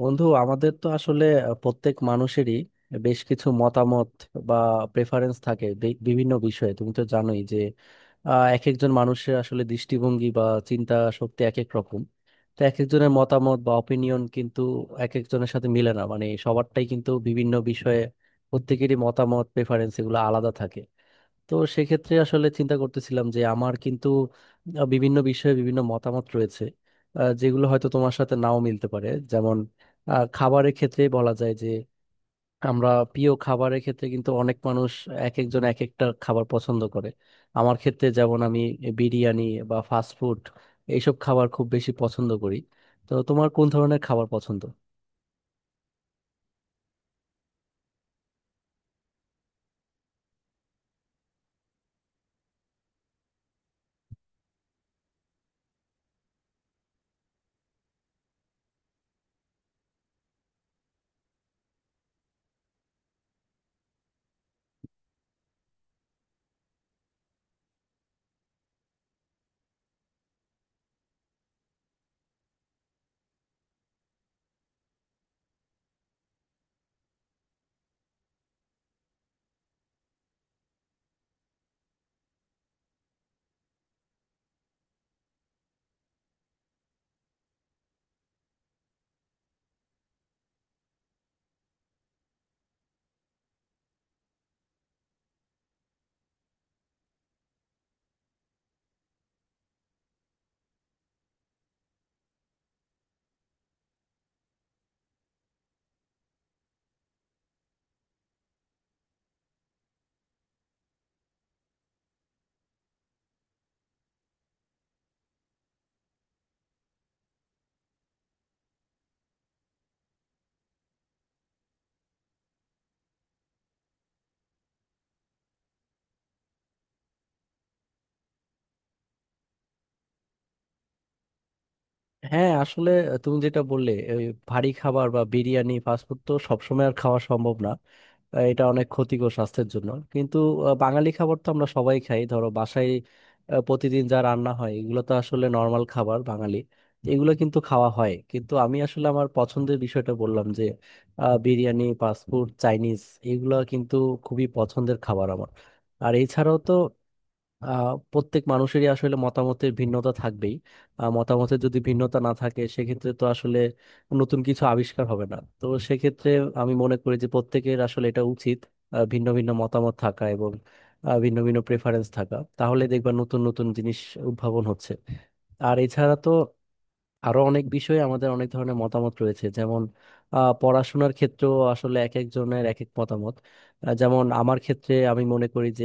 বন্ধু আমাদের তো আসলে প্রত্যেক মানুষেরই বেশ কিছু মতামত বা প্রেফারেন্স থাকে বিভিন্ন বিষয়ে তুমি তো জানোই যে এক একজন মানুষের আসলে দৃষ্টিভঙ্গি বা চিন্তা শক্তি এক এক রকম। তো এক একজনের মতামত বা অপিনিয়ন কিন্তু এক একজনের সাথে মিলে না, মানে সবারটাই কিন্তু বিভিন্ন বিষয়ে প্রত্যেকেরই মতামত, প্রেফারেন্স এগুলো আলাদা থাকে। তো সেক্ষেত্রে আসলে চিন্তা করতেছিলাম যে আমার কিন্তু বিভিন্ন বিষয়ে বিভিন্ন মতামত রয়েছে, যেগুলো হয়তো তোমার সাথে নাও মিলতে পারে। যেমন খাবারের ক্ষেত্রে বলা যায় যে আমরা প্রিয় খাবারের ক্ষেত্রে কিন্তু অনেক মানুষ এক একজন এক একটা খাবার পছন্দ করে। আমার ক্ষেত্রে যেমন আমি বিরিয়ানি বা ফাস্ট ফুড এইসব খাবার খুব বেশি পছন্দ করি। তো তোমার কোন ধরনের খাবার পছন্দ? হ্যাঁ আসলে তুমি যেটা বললে ওই ভারী খাবার বা বিরিয়ানি ফাস্টফুড তো সবসময় আর খাওয়া সম্ভব না। এটা অনেক ক্ষতিকর স্বাস্থ্যের জন্য, কিন্তু বাঙালি খাবার তো আমরা সবাই খাই। ধরো বাসায় প্রতিদিন যা রান্না হয় এগুলো তো আসলে নর্মাল খাবার, বাঙালি এগুলো কিন্তু খাওয়া হয়। কিন্তু আমি আসলে আমার পছন্দের বিষয়টা বললাম যে বিরিয়ানি, ফাস্টফুড, চাইনিজ এগুলো কিন্তু খুবই পছন্দের খাবার আমার। আর এছাড়াও তো প্রত্যেক মানুষেরই আসলে মতামতের ভিন্নতা থাকবেই। মতামতের যদি ভিন্নতা না থাকে সেক্ষেত্রে তো আসলে নতুন কিছু আবিষ্কার হবে না। তো সেক্ষেত্রে আমি মনে করি যে প্রত্যেকের আসলে এটা উচিত ভিন্ন ভিন্ন মতামত থাকা এবং ভিন্ন ভিন্ন প্রেফারেন্স থাকা, তাহলে দেখবা নতুন নতুন জিনিস উদ্ভাবন হচ্ছে। আর এছাড়া তো আরো অনেক বিষয়ে আমাদের অনেক ধরনের মতামত রয়েছে, যেমন পড়াশোনার ক্ষেত্রেও আসলে এক একজনের এক এক মতামত। যেমন আমার ক্ষেত্রে আমি মনে করি যে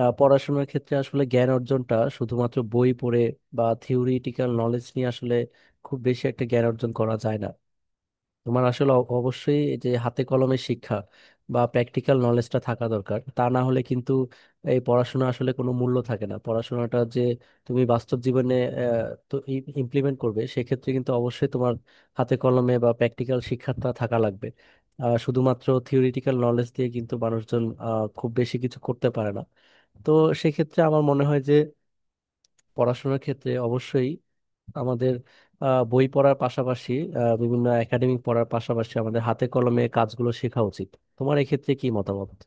পড়াশোনার ক্ষেত্রে আসলে জ্ঞান অর্জনটা শুধুমাত্র বই পড়ে বা থিওরিটিক্যাল নলেজ নিয়ে আসলে খুব বেশি একটা জ্ঞান অর্জন করা যায় না। তোমার আসলে অবশ্যই যে হাতে কলমে শিক্ষা বা প্র্যাকটিক্যাল নলেজটা থাকা দরকার, তা না হলে কিন্তু এই পড়াশোনা আসলে কোনো মূল্য থাকে না। পড়াশোনাটা যে তুমি বাস্তব জীবনে আহ, তো ইমপ্লিমেন্ট করবে, সেক্ষেত্রে কিন্তু অবশ্যই তোমার হাতে কলমে বা প্র্যাকটিক্যাল শিক্ষাটা থাকা লাগবে। শুধুমাত্র থিওরিটিক্যাল নলেজ দিয়ে কিন্তু মানুষজন খুব বেশি কিছু করতে পারে না। তো সেক্ষেত্রে আমার মনে হয় যে পড়াশোনার ক্ষেত্রে অবশ্যই আমাদের বই পড়ার পাশাপাশি বিভিন্ন একাডেমিক পড়ার পাশাপাশি আমাদের হাতে কলমে কাজগুলো শেখা উচিত। তোমার এক্ষেত্রে কি মতামত?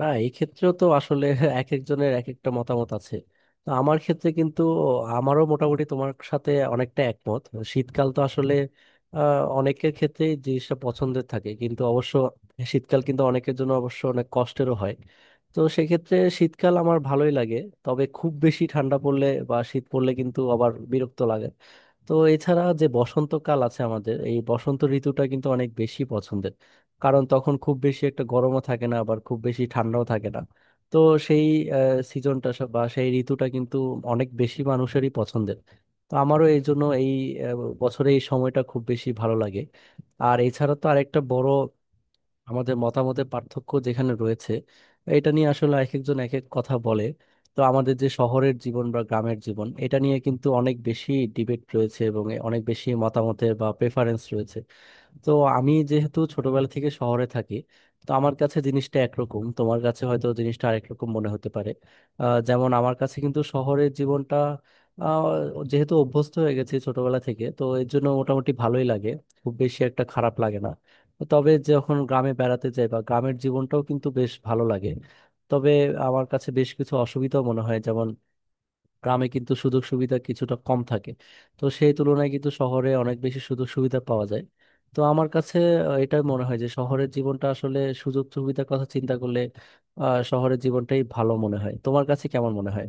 না, এক্ষেত্রেও তো আসলে এক একজনের এক একটা মতামত আছে। তো আমার ক্ষেত্রে কিন্তু আমারও মোটামুটি তোমার সাথে অনেকটা একমত। শীতকাল তো আসলে আহ, অনেকের ক্ষেত্রে জিনিসটা পছন্দের থাকে, কিন্তু অবশ্য শীতকাল কিন্তু অনেকের জন্য অবশ্য অনেক কষ্টেরও হয়। তো সেক্ষেত্রে শীতকাল আমার ভালোই লাগে, তবে খুব বেশি ঠান্ডা পড়লে বা শীত পড়লে কিন্তু আবার বিরক্ত লাগে। তো এছাড়া যে বসন্তকাল আছে আমাদের, এই বসন্ত ঋতুটা কিন্তু অনেক বেশি পছন্দের, কারণ তখন খুব বেশি একটা গরমও থাকে না আবার খুব বেশি ঠান্ডাও থাকে না। তো সেই সিজনটা বা সেই ঋতুটা কিন্তু অনেক বেশি মানুষেরই পছন্দের। তো আমারও এই জন্য এই বছরে এই সময়টা খুব বেশি ভালো লাগে। আর এছাড়া তো আরেকটা বড় আমাদের মতামতের পার্থক্য যেখানে রয়েছে, এটা নিয়ে আসলে এক একজন এক এক কথা বলে। তো আমাদের যে শহরের জীবন বা গ্রামের জীবন এটা নিয়ে কিন্তু অনেক বেশি ডিবেট রয়েছে এবং অনেক বেশি মতামতের বা প্রেফারেন্স রয়েছে। তো আমি যেহেতু ছোটবেলা থেকে শহরে থাকি, তো আমার কাছে জিনিসটা একরকম, তোমার কাছে হয়তো জিনিসটা আরেকরকম মনে হতে পারে। যেমন আমার কাছে কিন্তু শহরের জীবনটা আহ, যেহেতু অভ্যস্ত হয়ে গেছি ছোটবেলা থেকে, তো এর জন্য মোটামুটি ভালোই লাগে, খুব বেশি একটা খারাপ লাগে না। তবে যখন গ্রামে বেড়াতে যাই বা গ্রামের জীবনটাও কিন্তু বেশ ভালো লাগে, তবে আমার কাছে বেশ কিছু অসুবিধাও মনে হয়, যেমন গ্রামে কিন্তু সুযোগ সুবিধা কিছুটা কম থাকে। তো সেই তুলনায় কিন্তু শহরে অনেক বেশি সুযোগ সুবিধা পাওয়া যায়। তো আমার কাছে এটা মনে হয় যে শহরের জীবনটা আসলে সুযোগ সুবিধার কথা চিন্তা করলে শহরের জীবনটাই ভালো মনে হয়। তোমার কাছে কেমন মনে হয়?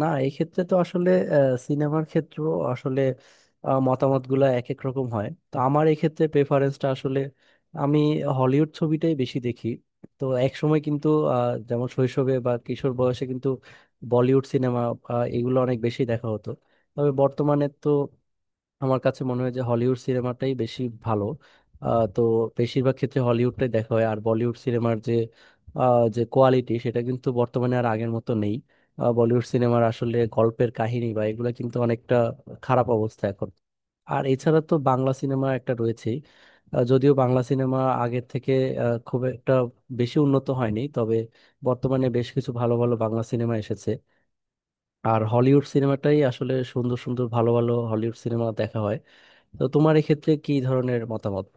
না, এক্ষেত্রে তো আসলে সিনেমার ক্ষেত্র আসলে মতামত গুলা এক এক রকম হয়। তো আমার এক্ষেত্রে প্রেফারেন্সটা আসলে আমি হলিউড ছবিটাই বেশি দেখি। তো একসময় কিন্তু যেমন শৈশবে বা কিশোর বয়সে কিন্তু বলিউড সিনেমা এগুলো অনেক বেশি দেখা হতো, তবে বর্তমানে তো আমার কাছে মনে হয় যে হলিউড সিনেমাটাই বেশি ভালো। আহ, তো বেশিরভাগ ক্ষেত্রে হলিউডটাই দেখা হয়। আর বলিউড সিনেমার যে যে কোয়ালিটি সেটা কিন্তু বর্তমানে আর আগের মতো নেই। বলিউড সিনেমার আসলে গল্পের কাহিনী বা এগুলো কিন্তু অনেকটা খারাপ অবস্থা এখন। আর এছাড়া তো বাংলা সিনেমা একটা রয়েছেই, যদিও বাংলা সিনেমা আগের থেকে খুব একটা বেশি উন্নত হয়নি, তবে বর্তমানে বেশ কিছু ভালো ভালো বাংলা সিনেমা এসেছে। আর হলিউড সিনেমাটাই আসলে সুন্দর সুন্দর ভালো ভালো হলিউড সিনেমা দেখা হয়। তো তোমার এক্ষেত্রে কি ধরনের মতামত?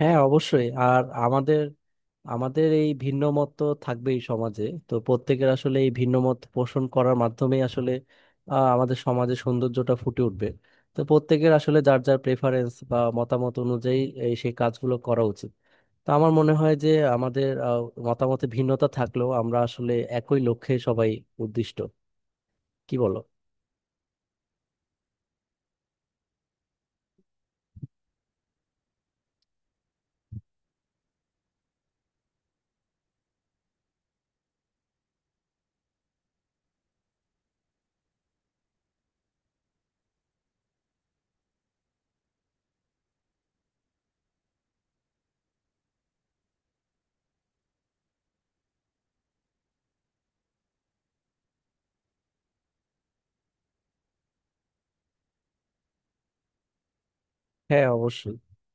হ্যাঁ অবশ্যই। আর আমাদের আমাদের এই ভিন্ন মত তো থাকবেই সমাজে। তো প্রত্যেকের আসলে এই ভিন্ন মত পোষণ করার মাধ্যমেই আসলে আমাদের সমাজে সৌন্দর্যটা ফুটে উঠবে। তো প্রত্যেকের আসলে যার যার প্রেফারেন্স বা মতামত অনুযায়ী এই সেই কাজগুলো করা উচিত। তো আমার মনে হয় যে আমাদের মতামতে ভিন্নতা থাকলেও আমরা আসলে একই লক্ষ্যে সবাই উদ্দিষ্ট। কি বলো? হ্যাঁ অবশ্যই।